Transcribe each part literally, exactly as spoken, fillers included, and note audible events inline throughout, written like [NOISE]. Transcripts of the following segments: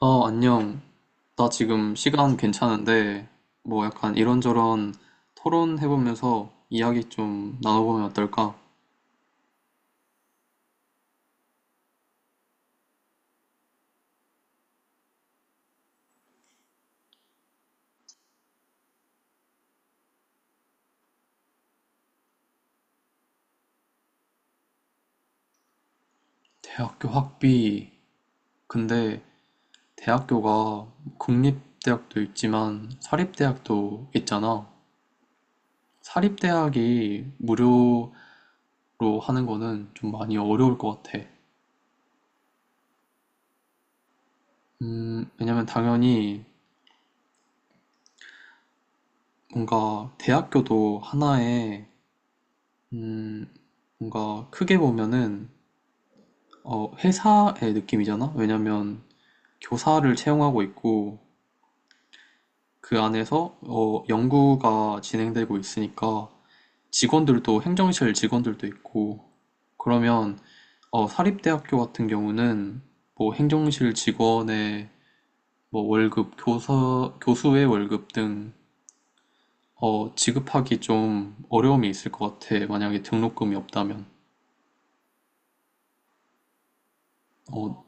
어, 안녕. 나 지금 시간 괜찮은데, 뭐 약간 이런저런 토론해보면서 이야기 좀 나눠보면 어떨까? 대학교 학비. 근데 대학교가 국립대학도 있지만 사립대학도 있잖아. 사립대학이 무료로 하는 거는 좀 많이 어려울 것 같아. 음, 왜냐면 당연히 뭔가 대학교도 하나의, 음, 뭔가 크게 보면은 어, 회사의 느낌이잖아? 왜냐면 교사를 채용하고 있고 그 안에서 어, 연구가 진행되고 있으니까 직원들도 행정실 직원들도 있고 그러면 어, 사립대학교 같은 경우는 뭐 행정실 직원의 뭐 월급, 교사, 교수의 월급 등 어, 지급하기 좀 어려움이 있을 것 같아. 만약에 등록금이 없다면. 어,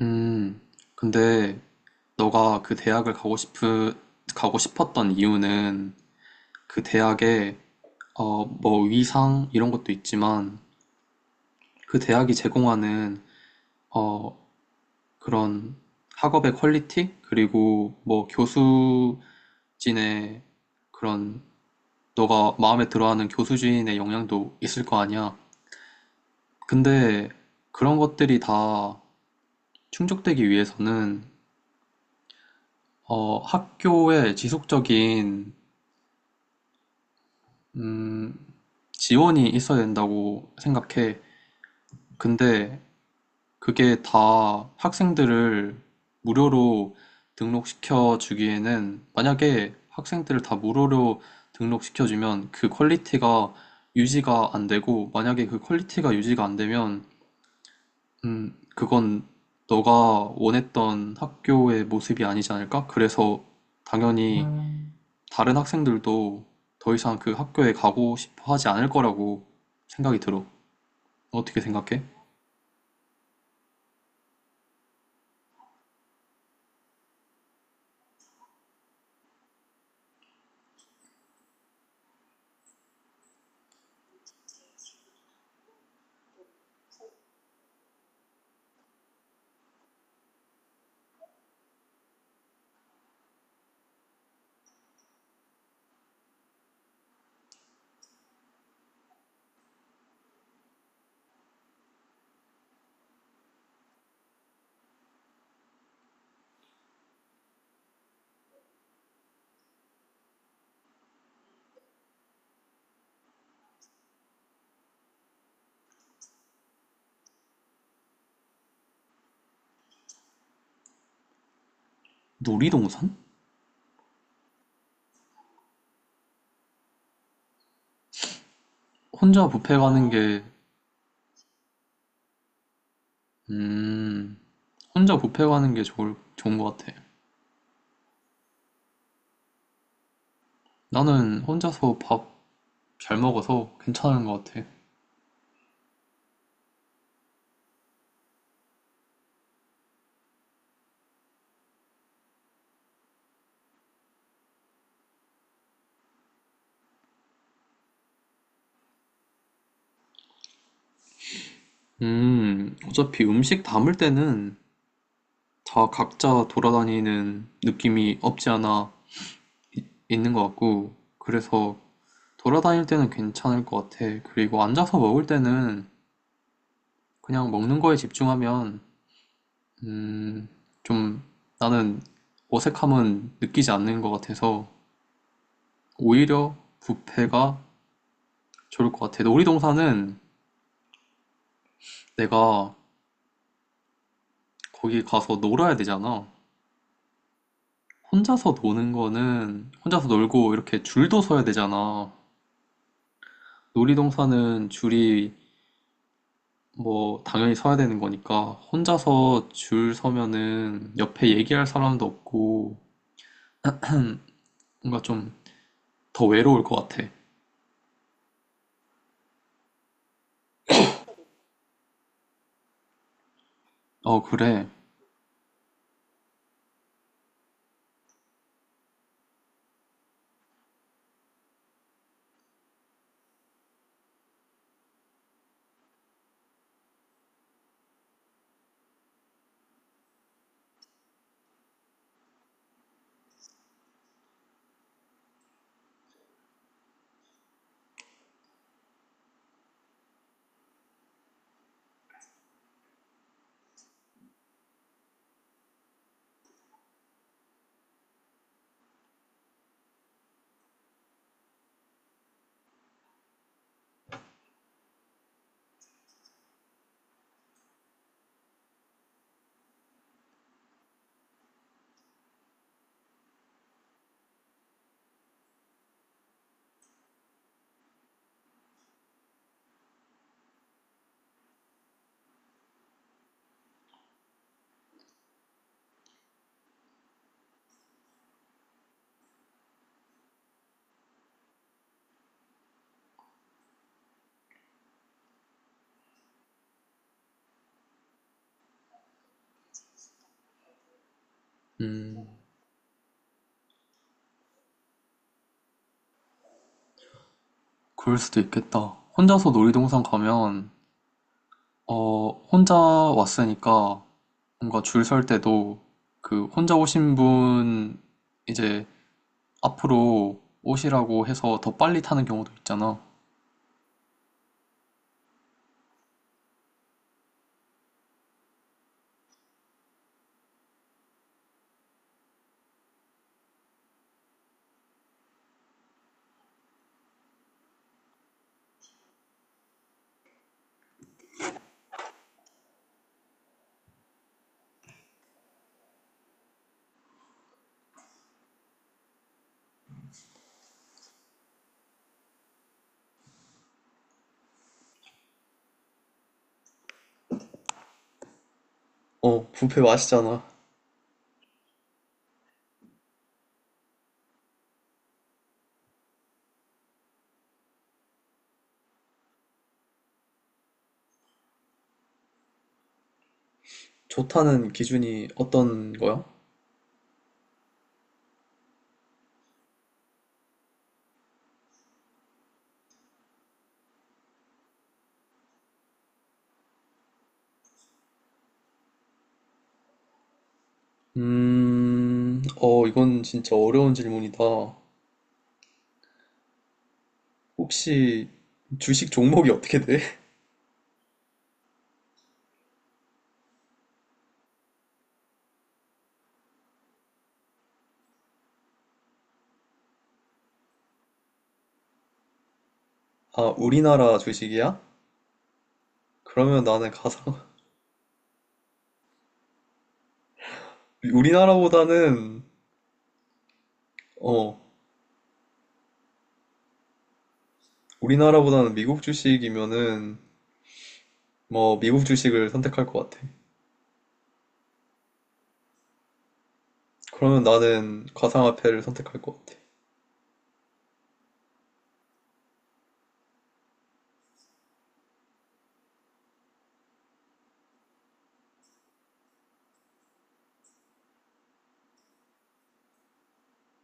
음, 근데 너가 그 대학을 가고 싶은 가고 싶었던 이유는 그 대학의 어, 뭐 위상 이런 것도 있지만 그 대학이 제공하는 어, 그런 학업의 퀄리티 그리고 뭐 교수진의 그런 너가 마음에 들어하는 교수진의 영향도 있을 거 아니야. 근데 그런 것들이 다 충족되기 위해서는 어, 학교의 지속적인 음, 지원이 있어야 된다고 생각해. 근데 그게 다 학생들을 무료로 등록시켜 주기에는 만약에 학생들을 다 무료로 등록시켜 주면 그 퀄리티가 유지가 안 되고 만약에 그 퀄리티가 유지가 안 되면 음, 그건 너가 원했던 학교의 모습이 아니지 않을까? 그래서 당연히 음, 다른 학생들도 더 이상 그 학교에 가고 싶어 하지 않을 거라고 생각이 들어. 어떻게 생각해? 놀이동산? 혼자 뷔페 가는 어, 게, 음, 혼자 뷔페 가는 게 좋을, 좋은 것 같아. 나는 혼자서 밥 잘 먹어서 괜찮은 것 같아. 음, 어차피 음식 담을 때는 다 각자 돌아다니는 느낌이 없지 않아 있는 것 같고, 그래서 돌아다닐 때는 괜찮을 것 같아. 그리고 앉아서 먹을 때는 그냥 먹는 거에 집중하면, 음, 좀 나는 어색함은 느끼지 않는 것 같아서 오히려 뷔페가 좋을 것 같아. 놀이동산은 내가 거기 가서 놀아야 되잖아. 혼자서 노는 거는 혼자서 놀고 이렇게 줄도 서야 되잖아. 놀이동산은 줄이 뭐 당연히 서야 되는 거니까 혼자서 줄 서면은 옆에 얘기할 사람도 없고 뭔가 좀 더 외로울 것 같아. 어, 그래. 음, 그럴 수도 있겠다. 혼자서 놀이동산 가면 어, 혼자 왔으니까 뭔가 줄 설 때도 그 혼자 오신 분 이제 앞으로 오시라고 해서 더 빨리 타는 경우도 있잖아. 어, 뷔페 맛있잖아. 좋다는 기준이 어떤 거야? 음, 어, 이건 진짜 어려운 질문이다. 혹시 주식 종목이 어떻게 돼? [LAUGHS] 아, 우리나라 주식이야? 그러면 나는 가상, [LAUGHS] 우리나라보다는, 어, 우리나라보다는 미국 주식이면은, 뭐, 미국 주식을 선택할 것 같아. 그러면 나는 가상화폐를 선택할 것 같아.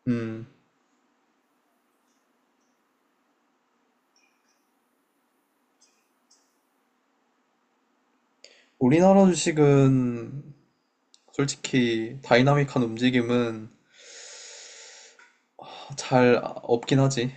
음, 우리나라 주식은 솔직히 다이나믹한 움직임은 아, 잘 없긴 하지.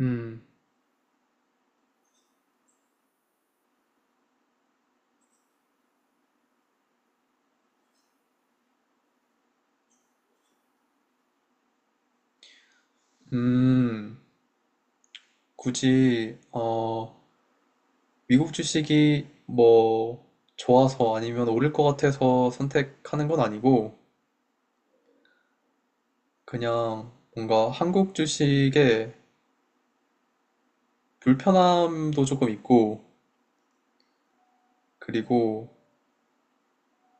음, 음. 굳이 어, 미국 주식이 뭐 좋아서 아니면 오를 것 같아서 선택하는 건 아니고 그냥 뭔가 한국 주식에 불편함도 조금 있고 그리고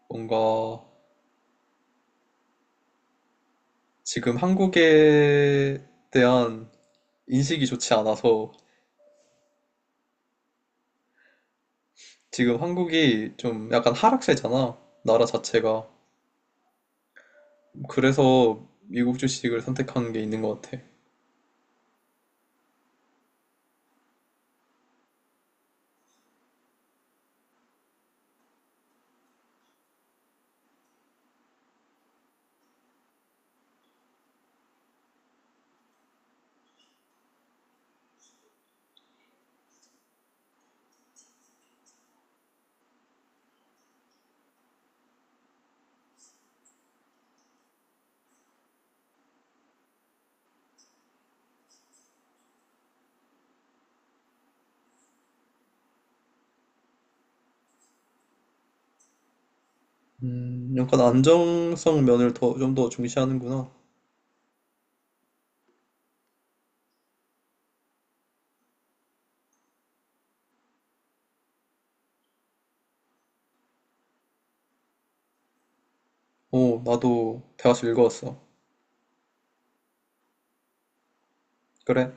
뭔가 지금 한국에 대한 인식이 좋지 않아서 지금 한국이 좀 약간 하락세잖아 나라 자체가 그래서 미국 주식을 선택한 게 있는 것 같아. 음, 약간 안정성 면을 더, 좀 더 중시하는구나. 오, 나도 대화서 읽어왔어. 그래.